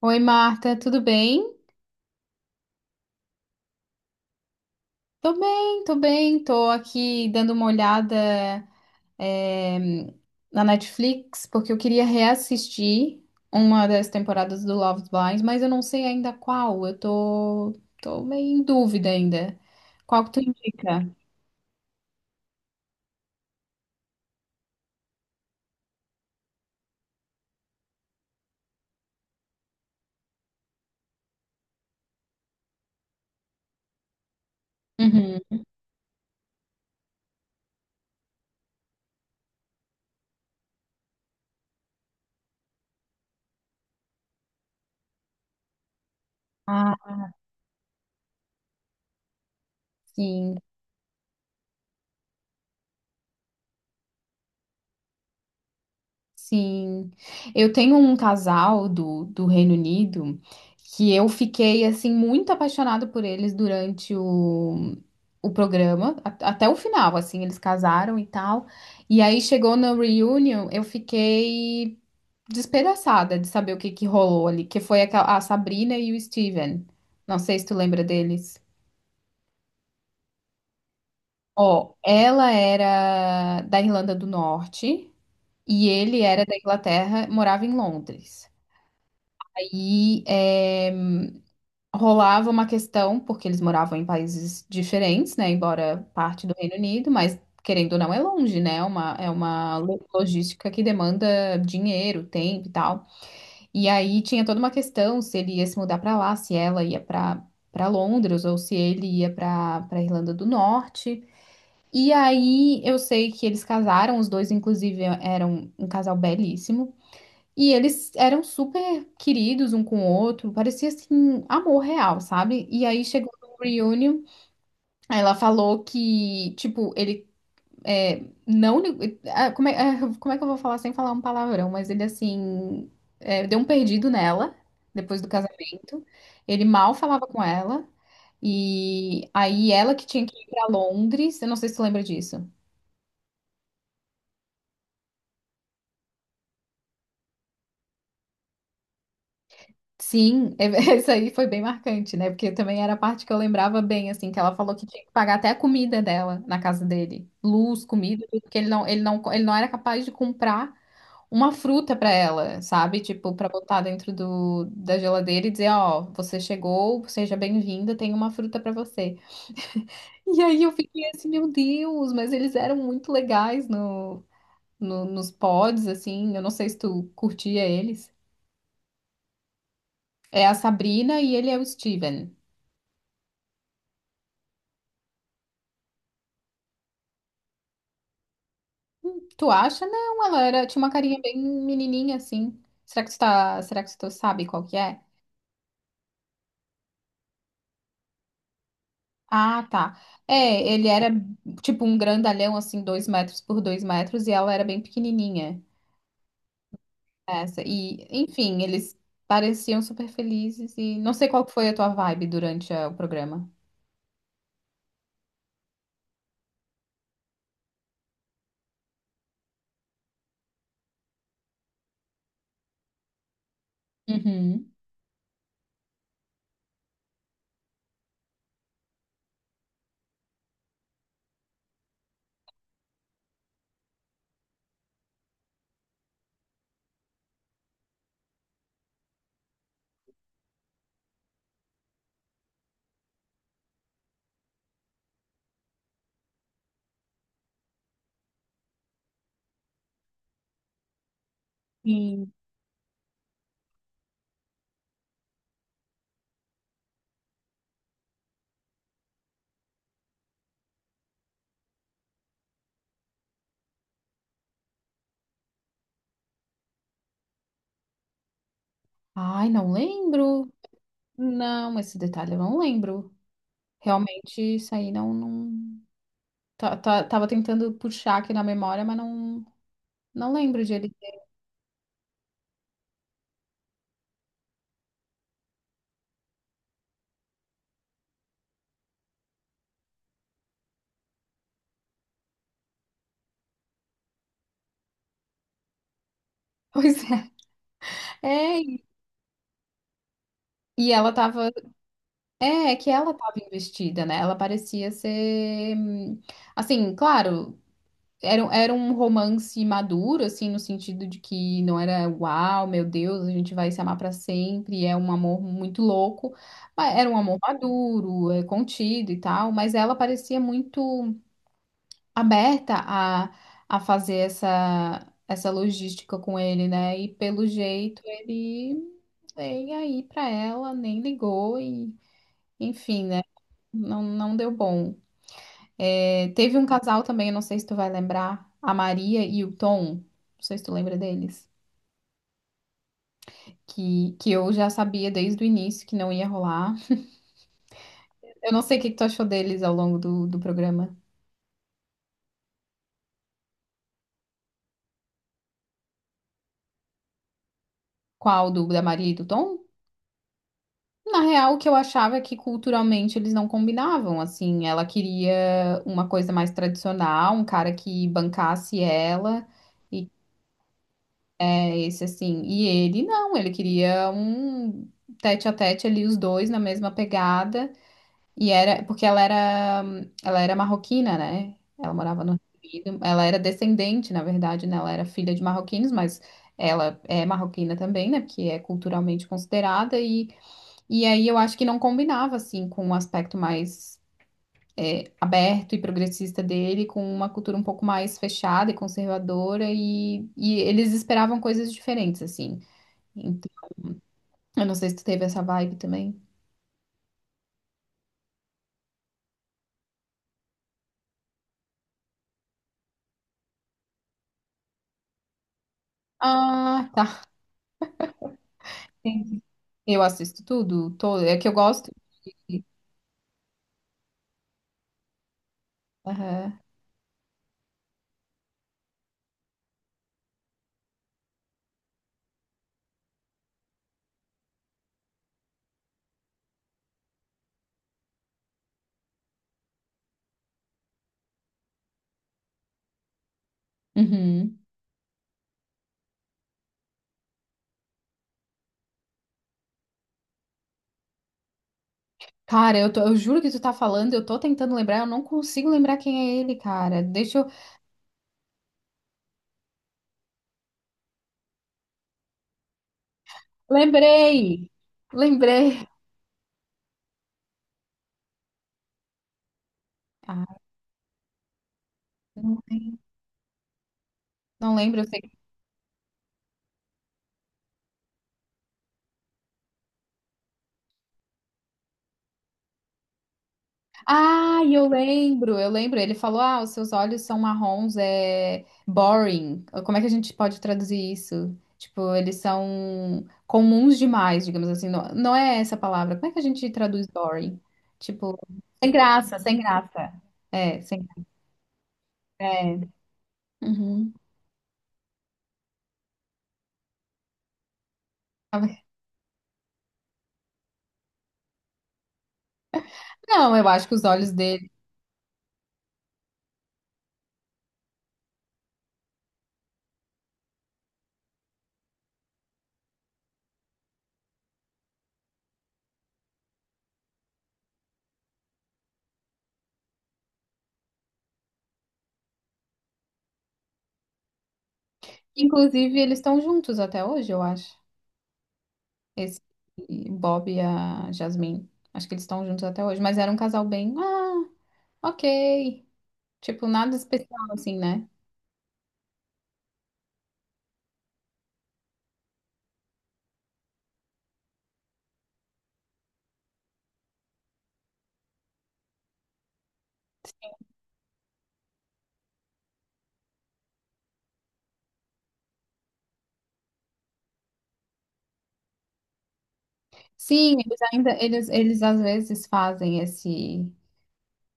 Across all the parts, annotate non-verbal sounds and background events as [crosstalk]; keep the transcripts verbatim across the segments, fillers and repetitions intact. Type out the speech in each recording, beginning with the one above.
Oi, Marta, tudo bem? Tô bem, tô bem. Tô aqui dando uma olhada, é, na Netflix, porque eu queria reassistir uma das temporadas do Love is Blind, mas eu não sei ainda qual. Eu tô, tô meio em dúvida ainda. Qual que tu indica? Uhum. Ah, sim. Sim, eu tenho um casal do, do Reino Unido que eu fiquei assim muito apaixonada por eles durante o, o programa, a- até o final, assim, eles casaram e tal. E aí chegou na reunion, eu fiquei despedaçada de saber o que que rolou ali, que foi aquela- a Sabrina e o Steven. Não sei se tu lembra deles. Ó, ela era da Irlanda do Norte e ele era da Inglaterra, morava em Londres. E é, rolava uma questão, porque eles moravam em países diferentes, né? Embora parte do Reino Unido, mas querendo ou não é longe, né? É uma, é uma lo- logística que demanda dinheiro, tempo e tal. E aí tinha toda uma questão se ele ia se mudar para lá, se ela ia para para Londres ou se ele ia para para Irlanda do Norte. E aí eu sei que eles casaram, os dois inclusive eram um casal belíssimo. E eles eram super queridos um com o outro, parecia assim, amor real, sabe? E aí chegou no reunion, ela falou que, tipo, ele é, não. li- ah, Como é, ah, como é que eu vou falar sem falar um palavrão? Mas ele, assim, é, deu um perdido nela, depois do casamento. Ele mal falava com ela, e aí ela que tinha que ir pra Londres, eu não sei se tu lembra disso. Sim, é- [laughs] isso aí foi bem marcante, né? Porque também era a parte que eu lembrava bem, assim, que ela falou que tinha que pagar até a comida dela na casa dele. Luz, comida, tudo, porque ele não, ele não, ele não era capaz de comprar uma fruta para ela, sabe? Tipo, para botar dentro do, da geladeira e dizer, ó, você chegou, seja bem-vinda, tem uma fruta para você. E aí eu fiquei assim, meu Deus, mas eles eram muito legais no, no, nos pods, assim, eu não sei se tu curtia eles. É a Sabrina e ele é o Steven. Tu acha? Não, ela era, tinha uma carinha bem menininha assim. Será que tu tá, será que tu sabe qual que é? Ah, tá. É, ele era tipo um grandalhão assim, dois metros por dois metros e ela era bem pequenininha. Essa. E, enfim, eles pareciam super felizes e não sei qual que foi a tua vibe durante eh, o programa. Uhum. Sim. Ai, não lembro. Não, esse detalhe eu não lembro. Realmente, isso aí não, não... tá- tá- Tava tentando puxar aqui na memória, mas não. Não lembro de ele ter. [laughs] Pois é. É, e ela tava. É, é que ela tava investida, né? Ela parecia ser. hum, Assim, claro, era, era um romance maduro, assim, no sentido de que não era uau, meu Deus, a gente vai se amar pra sempre, é um amor muito louco. Mas era um amor maduro, é, contido e tal, mas ela parecia muito aberta a, a fazer essa, essa logística com ele, né? E pelo jeito ele nem aí pra ela, nem ligou e enfim, né? Não, não deu bom. É, teve um casal também, eu não sei se tu vai lembrar, a Maria e o Tom, não sei se tu lembra deles. Que, que eu já sabia desde o início que não ia rolar. Eu não sei o que que tu achou deles ao longo do, do programa. Qual? Do da Maria e do Tom? Na real, o que eu achava é que culturalmente eles não combinavam, assim, ela queria uma coisa mais tradicional, um cara que bancasse ela, e é esse assim, e ele não, ele queria um tete a tete ali, os dois na mesma pegada, e era, porque ela era, ela era marroquina, né, ela morava no Reino Unido, ela era descendente, na verdade, né, ela era filha de marroquinos, mas ela é marroquina também, né, porque é culturalmente considerada, e e aí eu acho que não combinava, assim, com um aspecto mais aberto e progressista dele, com uma cultura um pouco mais fechada e conservadora, e, e eles esperavam coisas diferentes, assim. Então, eu não sei se tu teve essa vibe também. Ah, tá. Entendi. Eu assisto tudo, todo. É que eu gosto. de- Aham. Uhum. Cara, eu, tô- eu juro que tu tá falando, eu tô tentando lembrar, eu não consigo lembrar quem é ele, cara. Deixa eu. Lembrei! Lembrei! Ah, não lembro. Não lembro, eu sei. Ah, eu lembro, eu lembro. Ele falou: Ah, os seus olhos são marrons, é boring. Como é que a gente pode traduzir isso? Tipo, eles são comuns demais, digamos assim. Não, não é essa a palavra. Como é que a gente traduz boring? Tipo, sem graça, sem graça. É, sem. É. Uhum. Não, eu acho que os olhos dele. Inclusive, eles estão juntos até hoje, eu acho. Esse Bob e a Jasmine. Acho que eles estão juntos até hoje. Mas era um casal bem. Ah, ok. Tipo, nada especial assim, né? Sim, eles ainda, eles, eles às vezes fazem esse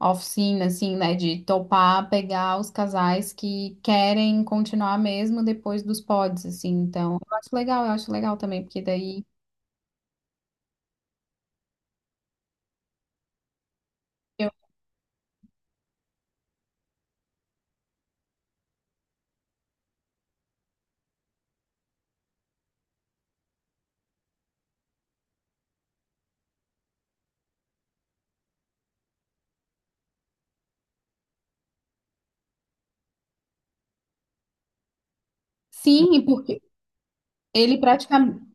oficina, assim, né? De topar, pegar os casais que querem continuar mesmo depois dos pods, assim. Então, eu acho legal, eu acho legal também, porque daí eu... Sim, porque ele praticamente.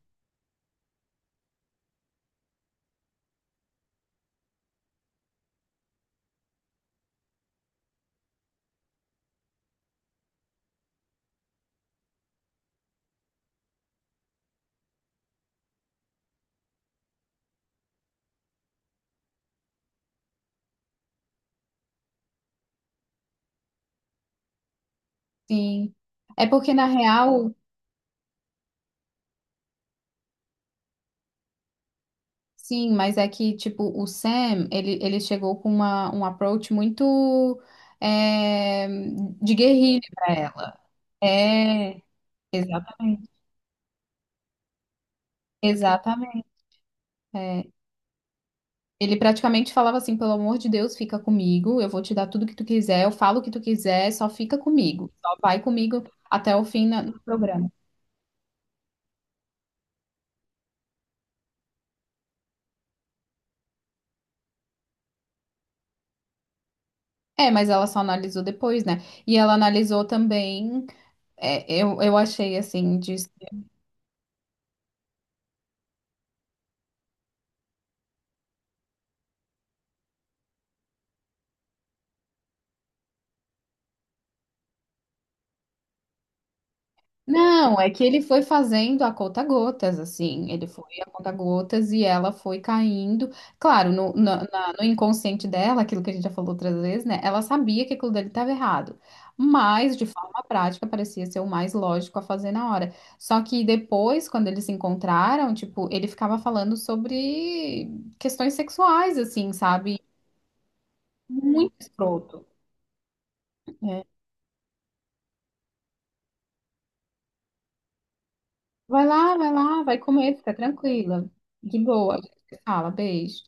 Sim. É porque na real, sim, mas é que, tipo, o Sam, ele, ele chegou com uma, um approach muito é, de guerrilha pra ela. É. Exatamente, exatamente. É, ele praticamente falava assim, pelo amor de Deus, fica comigo, eu vou te dar tudo que tu quiser, eu falo o que tu quiser, só fica comigo, só vai comigo até o fim na- no programa. É, mas ela só analisou depois, né? E ela analisou também, é, eu, eu achei assim, de. Não, é que ele foi fazendo a conta-gotas, assim. Ele foi a conta-gotas e ela foi caindo. Claro, no, na- na- no inconsciente dela, aquilo que a gente já falou outras vezes, né? Ela sabia que aquilo dele estava errado. Mas, de forma prática, parecia ser o mais lógico a fazer na hora. Só que depois, quando eles se encontraram, tipo, ele ficava falando sobre questões sexuais, assim, sabe? Muito escroto, né? Vai lá, vai lá, vai comer, fica tranquila. De boa. A gente se fala, beijo.